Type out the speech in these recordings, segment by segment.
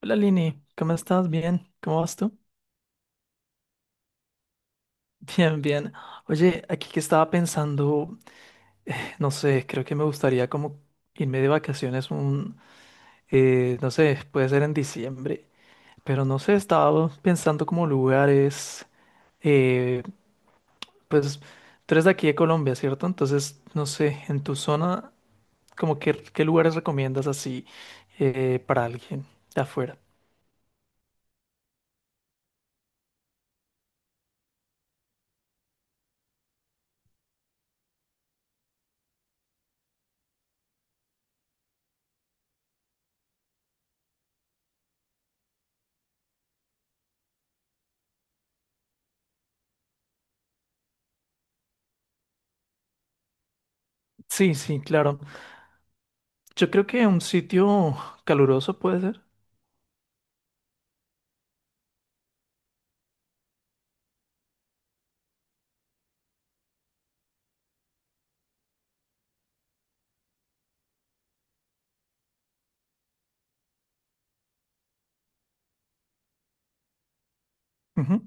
Hola Lini, ¿cómo estás? Bien, ¿cómo vas tú? Bien. Oye, aquí que estaba pensando, no sé, creo que me gustaría como irme de vacaciones un, no sé, puede ser en diciembre, pero no sé, estaba pensando como lugares, eh, pues tú eres de aquí de Colombia, ¿cierto? Entonces, no sé, en tu zona, como que, ¿qué lugares recomiendas así para alguien de afuera? Sí, sí, claro. Yo creo que un sitio caluroso puede ser. Ujú,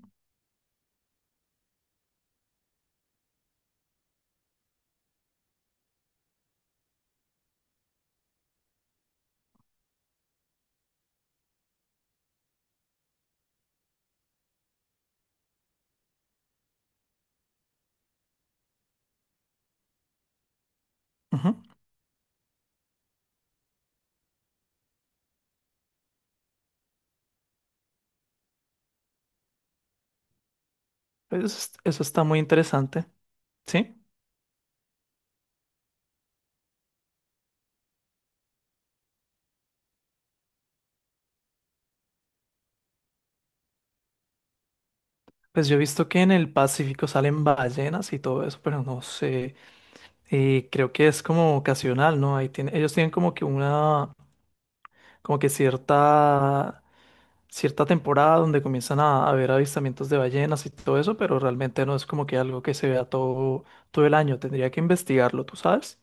ujú. Pues, eso está muy interesante, ¿sí? Pues yo he visto que en el Pacífico salen ballenas y todo eso, pero no sé, creo que es como ocasional, ¿no? Ahí tiene, ellos tienen como que una, como que cierta, cierta temporada donde comienzan a haber avistamientos de ballenas y todo eso, pero realmente no es como que algo que se vea todo el año. Tendría que investigarlo, ¿tú sabes?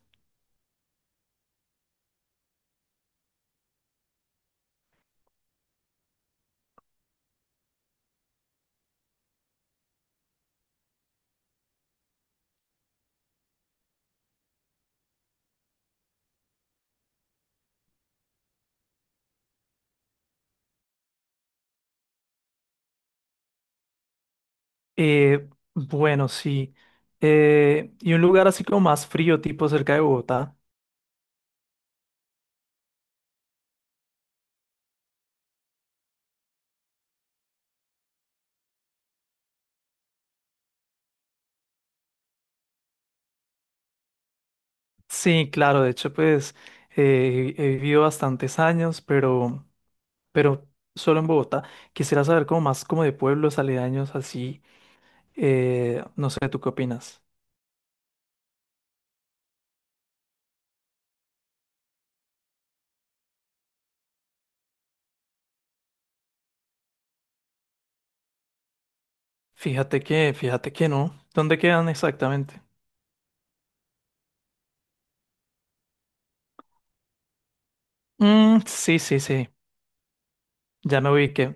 Eh, bueno, sí. Y un lugar así como más frío, tipo cerca de Bogotá. Sí, claro, de hecho, pues he vivido bastantes años, pero solo en Bogotá. Quisiera saber como más como de pueblos aledaños así. No sé, ¿tú qué opinas? Fíjate que no. ¿Dónde quedan exactamente? Mm, sí, sí, sí. Ya me ubiqué.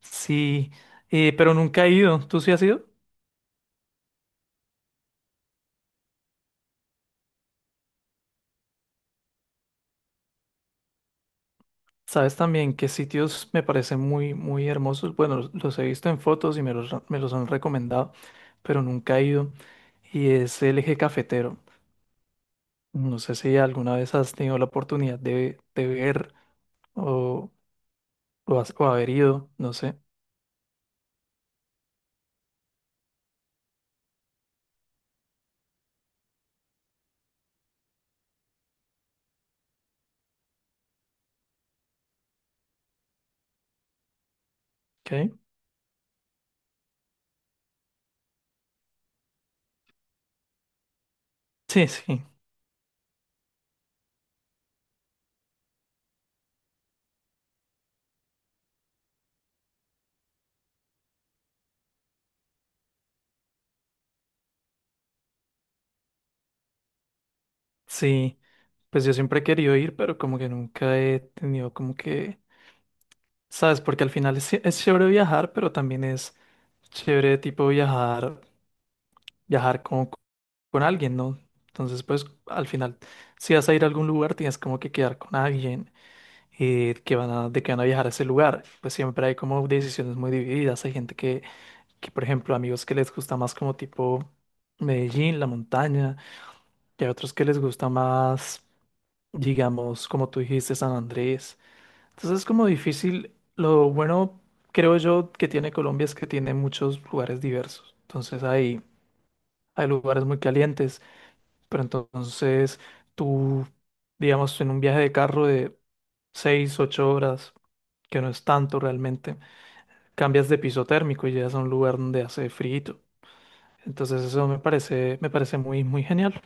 Sí, pero nunca he ido. ¿Tú sí has ido? Sabes también qué sitios me parecen muy, muy hermosos. Bueno, los he visto en fotos y me los han recomendado, pero nunca he ido. Y es el eje cafetero. No sé si alguna vez has tenido la oportunidad de ver. o, o haber ido, no sé. ¿Ok? Sí, sí, sí. Pues yo siempre he querido ir, pero como que nunca he tenido como que, ¿sabes? Porque al final es, sí, es chévere viajar, pero también es chévere tipo viajar, viajar con alguien, ¿no? Entonces, pues al final, si vas a ir a algún lugar, tienes como que quedar con alguien que van a viajar a ese lugar. Pues siempre hay como decisiones muy divididas. Hay gente que, por ejemplo, amigos que les gusta más como tipo Medellín, la montaña. Y hay otros que les gusta más, digamos, como tú dijiste, San Andrés. Entonces es como difícil. Lo bueno, creo yo, que tiene Colombia es que tiene muchos lugares diversos. Entonces hay lugares muy calientes, pero entonces tú, digamos, en un viaje de carro de 6 8 horas, que no es tanto realmente, cambias de piso térmico y llegas a un lugar donde hace frío. Entonces eso me parece muy, muy genial.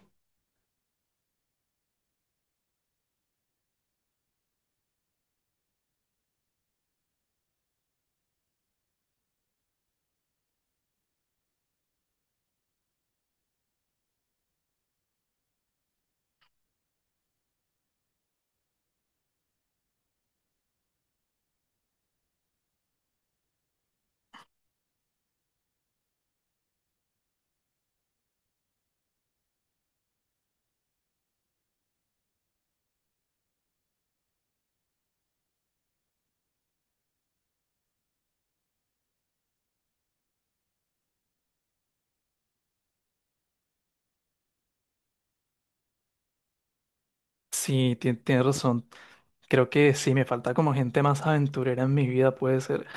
Sí, tienes razón. Creo que sí, me falta como gente más aventurera en mi vida, puede ser.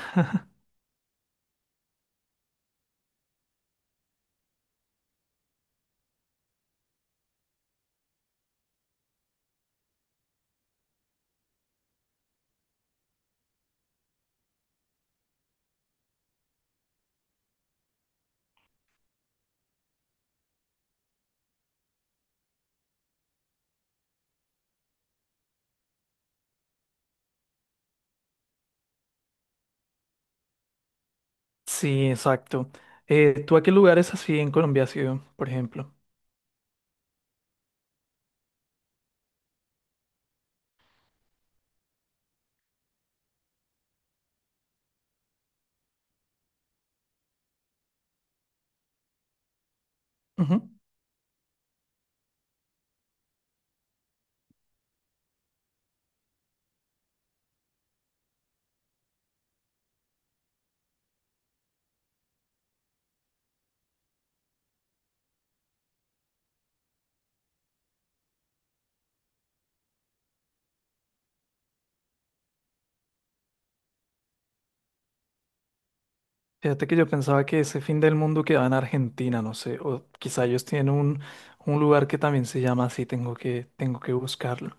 Sí, exacto. ¿Tú a qué lugares así en Colombia has ido, por ejemplo? Ujú. Fíjate que yo pensaba que ese fin del mundo quedaba en Argentina, no sé, o quizá ellos tienen un lugar que también se llama así, tengo que buscarlo.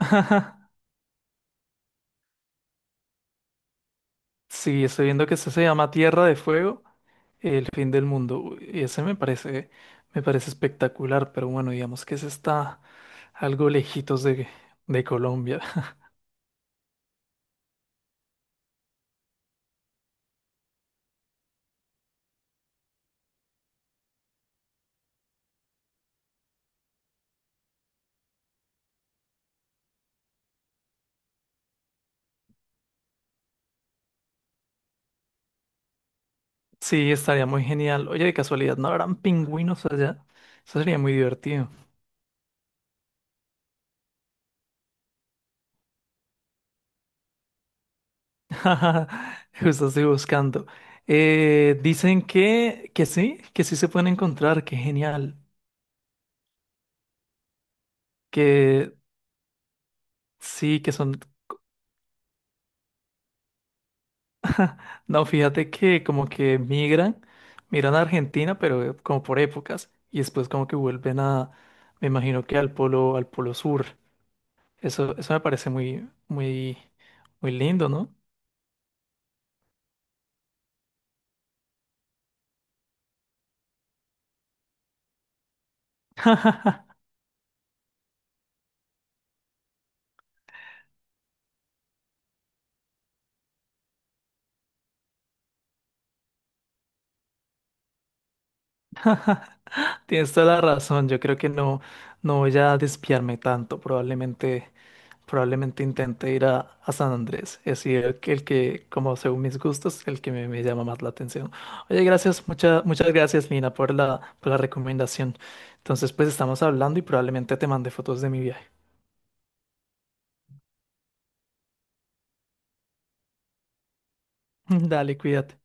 Sí, estoy viendo que ese se llama Tierra de Fuego, el fin del mundo, uy, y me parece espectacular, pero bueno, digamos que ese está algo lejitos de Colombia. Sí, estaría muy genial. Oye, de casualidad, ¿no habrán pingüinos allá? Eso sería muy divertido. Justo estoy buscando. Dicen que sí se pueden encontrar, qué genial. Que sí, que son... No, fíjate que como que migran, migran a Argentina, pero como por épocas, y después como que vuelven me imagino que al polo sur. Eso me parece muy, muy, muy lindo, ¿no? Tienes toda la razón, yo creo que no voy a despiarme tanto, probablemente, probablemente intente ir a San Andrés, es decir, como según mis gustos, el que me llama más la atención. Oye, gracias, muchas muchas gracias, Lina, por por la recomendación. Entonces, pues estamos hablando y probablemente te mande fotos de mi viaje. Dale, cuídate.